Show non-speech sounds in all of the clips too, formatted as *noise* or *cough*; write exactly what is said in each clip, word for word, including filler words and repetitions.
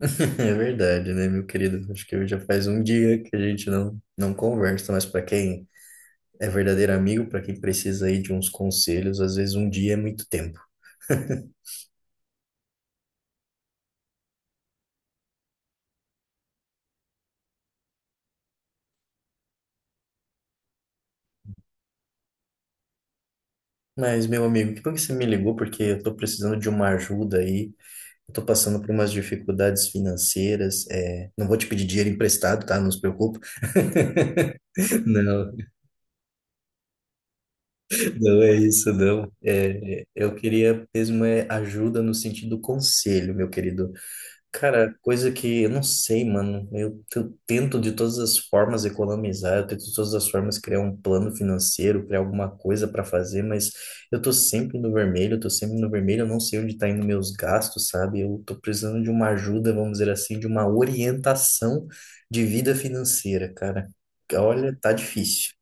*laughs* É verdade, né, meu querido? Acho que já faz um dia que a gente não, não conversa, mas para quem é verdadeiro amigo, para quem precisa aí de uns conselhos, às vezes um dia é muito tempo. *laughs* Mas, meu amigo, que bom que você me ligou, porque eu estou precisando de uma ajuda aí. Eu estou passando por umas dificuldades financeiras. é, Não vou te pedir dinheiro emprestado, tá? Não se preocupe. *laughs* Não, não é isso, não. É, eu queria mesmo é, ajuda no sentido conselho, meu querido. Cara, coisa que eu não sei, mano. Eu, eu tento de todas as formas economizar, eu tento de todas as formas criar um plano financeiro, criar alguma coisa para fazer, mas eu tô sempre no vermelho, eu tô sempre no vermelho, eu não sei onde tá indo meus gastos, sabe? Eu tô precisando de uma ajuda, vamos dizer assim, de uma orientação de vida financeira, cara. Olha, tá difícil.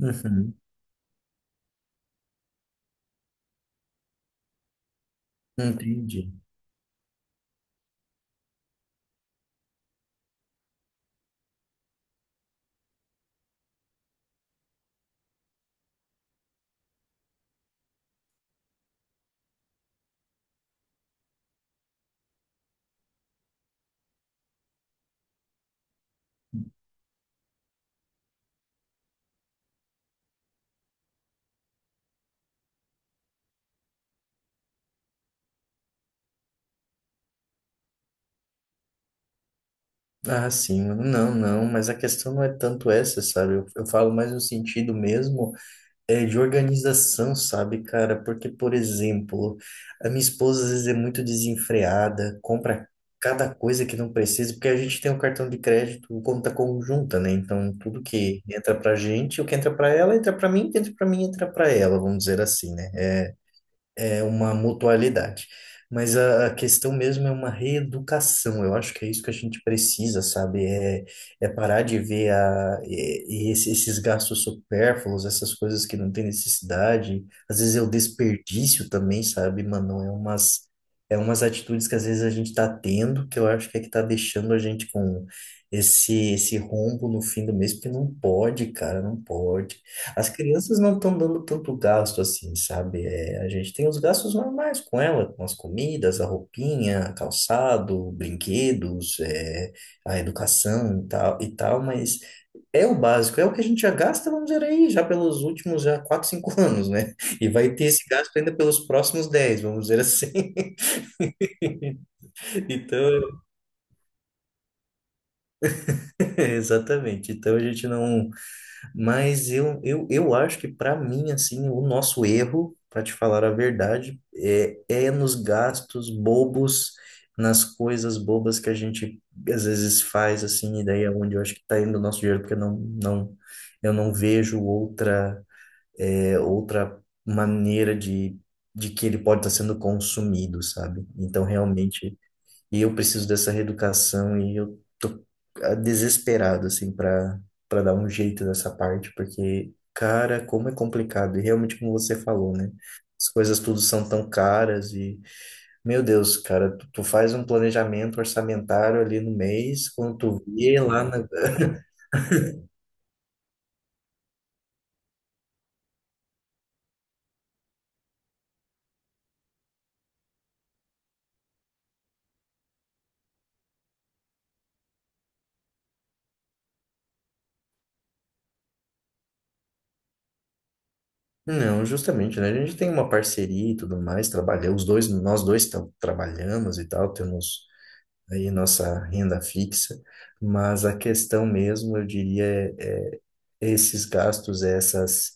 Uhum, entendi. Ah, sim, mano. Não, não, mas a questão não é tanto essa, sabe? Eu, eu falo mais no sentido mesmo. É de organização, sabe, cara? Porque, por exemplo, a minha esposa às vezes é muito desenfreada, compra cada coisa que não precisa, porque a gente tem um cartão de crédito, um conta conjunta, né? Então, tudo que entra pra gente, o que entra pra ela, entra pra mim, o que entra pra mim, entra pra ela, vamos dizer assim, né? É uma mutualidade. Mas a, a questão mesmo é uma reeducação. Eu acho que é isso que a gente precisa, sabe? É, é parar de ver a, e- e esse- esses gastos supérfluos, essas coisas que não tem necessidade. Às vezes é o desperdício também, sabe, mano? É umas, é umas atitudes que às vezes a gente tá tendo, que eu acho que é que tá deixando a gente com esse, esse rombo no fim do mês, porque não pode, cara, não pode. As crianças não estão dando tanto gasto assim, sabe? É, a gente tem os gastos normais com ela, com as comidas, a roupinha, calçado, brinquedos, é, a educação e tal, e tal, mas é o básico, é o que a gente já gasta, vamos dizer aí, já pelos últimos já quatro, cinco *laughs* anos, né? E vai ter esse gasto ainda pelos próximos dez, vamos dizer assim. *laughs* Então, *laughs* exatamente. Então a gente não. Mas eu, eu, eu acho que, para mim, assim, o nosso erro, para te falar a verdade, é, é nos gastos bobos, nas coisas bobas que a gente às vezes faz, assim, e daí é onde eu acho que está indo o nosso dinheiro, porque não, não, eu não vejo outra, é, outra maneira de, de que ele pode estar sendo consumido, sabe? Então, realmente. E eu preciso dessa reeducação e eu tô ah, desesperado, assim, para para dar um jeito nessa parte, porque, cara, como é complicado. E realmente, como você falou, né? As coisas tudo são tão caras e, meu Deus, cara, tu, tu faz um planejamento orçamentário ali no mês, quando tu vê lá na... Não, justamente, né? A gente tem uma parceria e tudo mais, trabalha, os dois, nós dois tam- trabalhamos e tal, temos aí nossa renda fixa, mas a questão mesmo, eu diria, é, esses gastos, essas,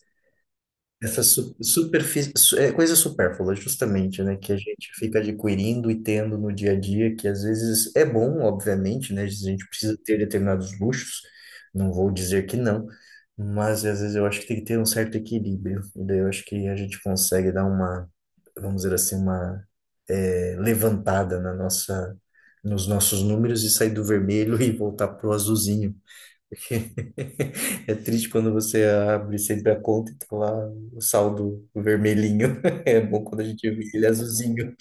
essas su- superfí- su- é, coisas supérfluas, justamente, né, que a gente fica adquirindo e tendo no dia a dia, que às vezes é bom, obviamente, né, a gente precisa ter determinados luxos, não vou dizer que não, mas às vezes eu acho que tem que ter um certo equilíbrio, e daí eu acho que a gente consegue dar uma, vamos dizer assim, uma é, levantada na nossa, nos nossos números e sair do vermelho *laughs* e voltar pro azulzinho. É triste quando você abre sempre a conta e tá lá o saldo vermelhinho. *laughs* É bom quando a gente vê ele azulzinho.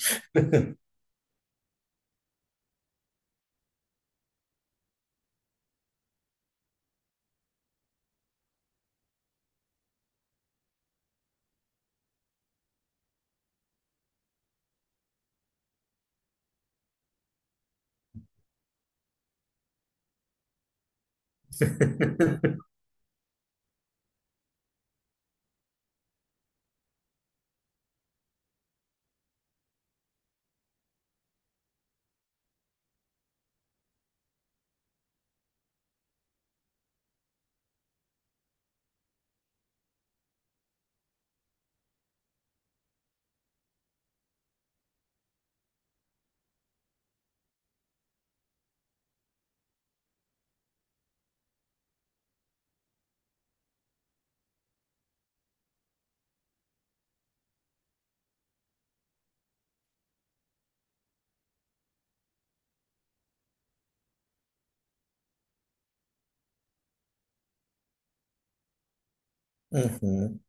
Uhum.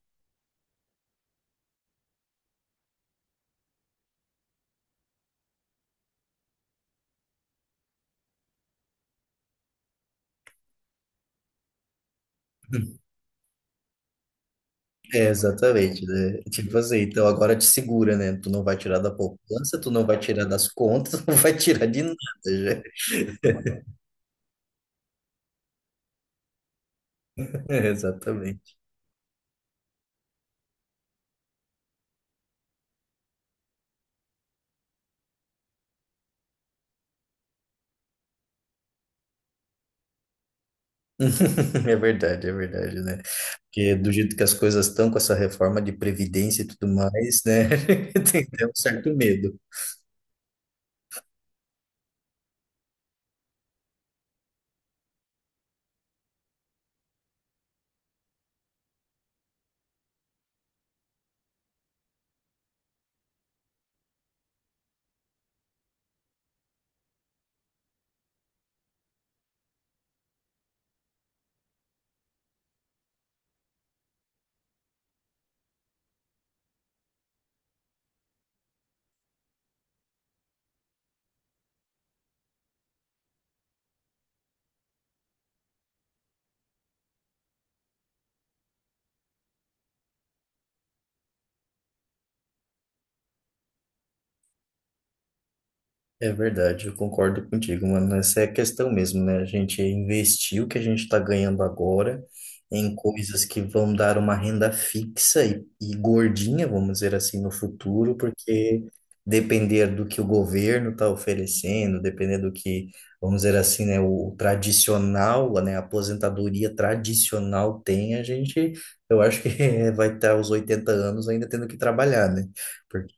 É, exatamente, né? É tipo assim, então agora te segura, né? Tu não vai tirar da poupança, tu não vai tirar das contas, *laughs* não vai tirar de nada já. É, exatamente. *laughs* É verdade, é verdade, né? Porque do jeito que as coisas estão com essa reforma de previdência e tudo mais, né? *laughs* Tem até um certo medo. É verdade, eu concordo contigo, mano. Essa é a questão mesmo, né? A gente investir o que a gente está ganhando agora em coisas que vão dar uma renda fixa e, e gordinha, vamos dizer assim, no futuro, porque depender do que o governo está oferecendo, depender do que, vamos dizer assim, né, o tradicional, né, a aposentadoria tradicional tem, a gente, eu acho que *laughs* vai estar aos oitenta anos ainda tendo que trabalhar, né? Porque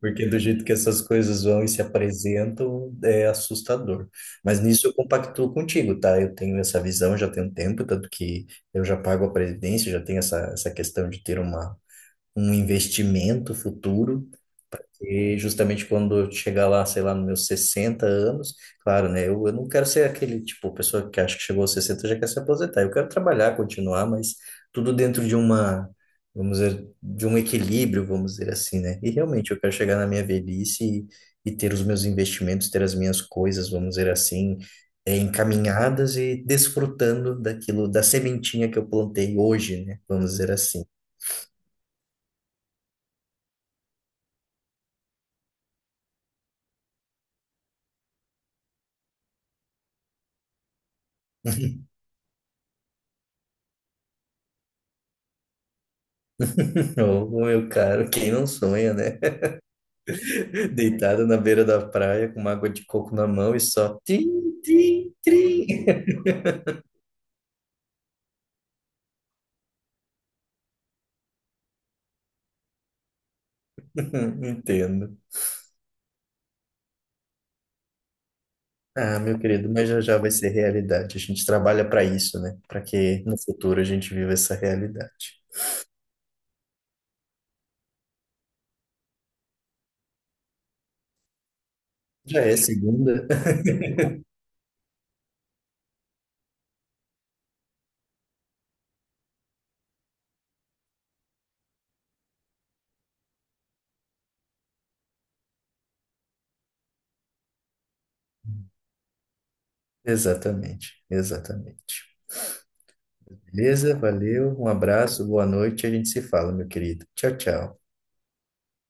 Porque do jeito que essas coisas vão e se apresentam, é assustador. Mas nisso eu compactuo contigo, tá? Eu tenho essa visão já tem um tempo, tanto que eu já pago a previdência, já tenho essa, essa questão de ter uma, um investimento futuro. E justamente quando eu chegar lá, sei lá, nos meus sessenta anos, claro, né? Eu, eu não quero ser aquele tipo, pessoa que acha que chegou aos sessenta e já quer se aposentar. Eu quero trabalhar, continuar, mas tudo dentro de uma, vamos dizer, de um equilíbrio, vamos dizer assim, né? E realmente eu quero chegar na minha velhice e, e ter os meus investimentos, ter as minhas coisas, vamos dizer assim, eh, encaminhadas e desfrutando daquilo, da sementinha que eu plantei hoje, né? Vamos dizer assim. *laughs* Ô, meu caro, quem não sonha, né? *laughs* Deitado na beira da praia com uma água de coco na mão e só trim, trim, trim. *laughs* Entendo. Ah, meu querido, mas já já vai ser realidade. A gente trabalha para isso, né? Para que no futuro a gente viva essa realidade. Já é segunda. *laughs* Exatamente, exatamente. Beleza? Valeu, um abraço, boa noite, a gente se fala, meu querido. Tchau, tchau.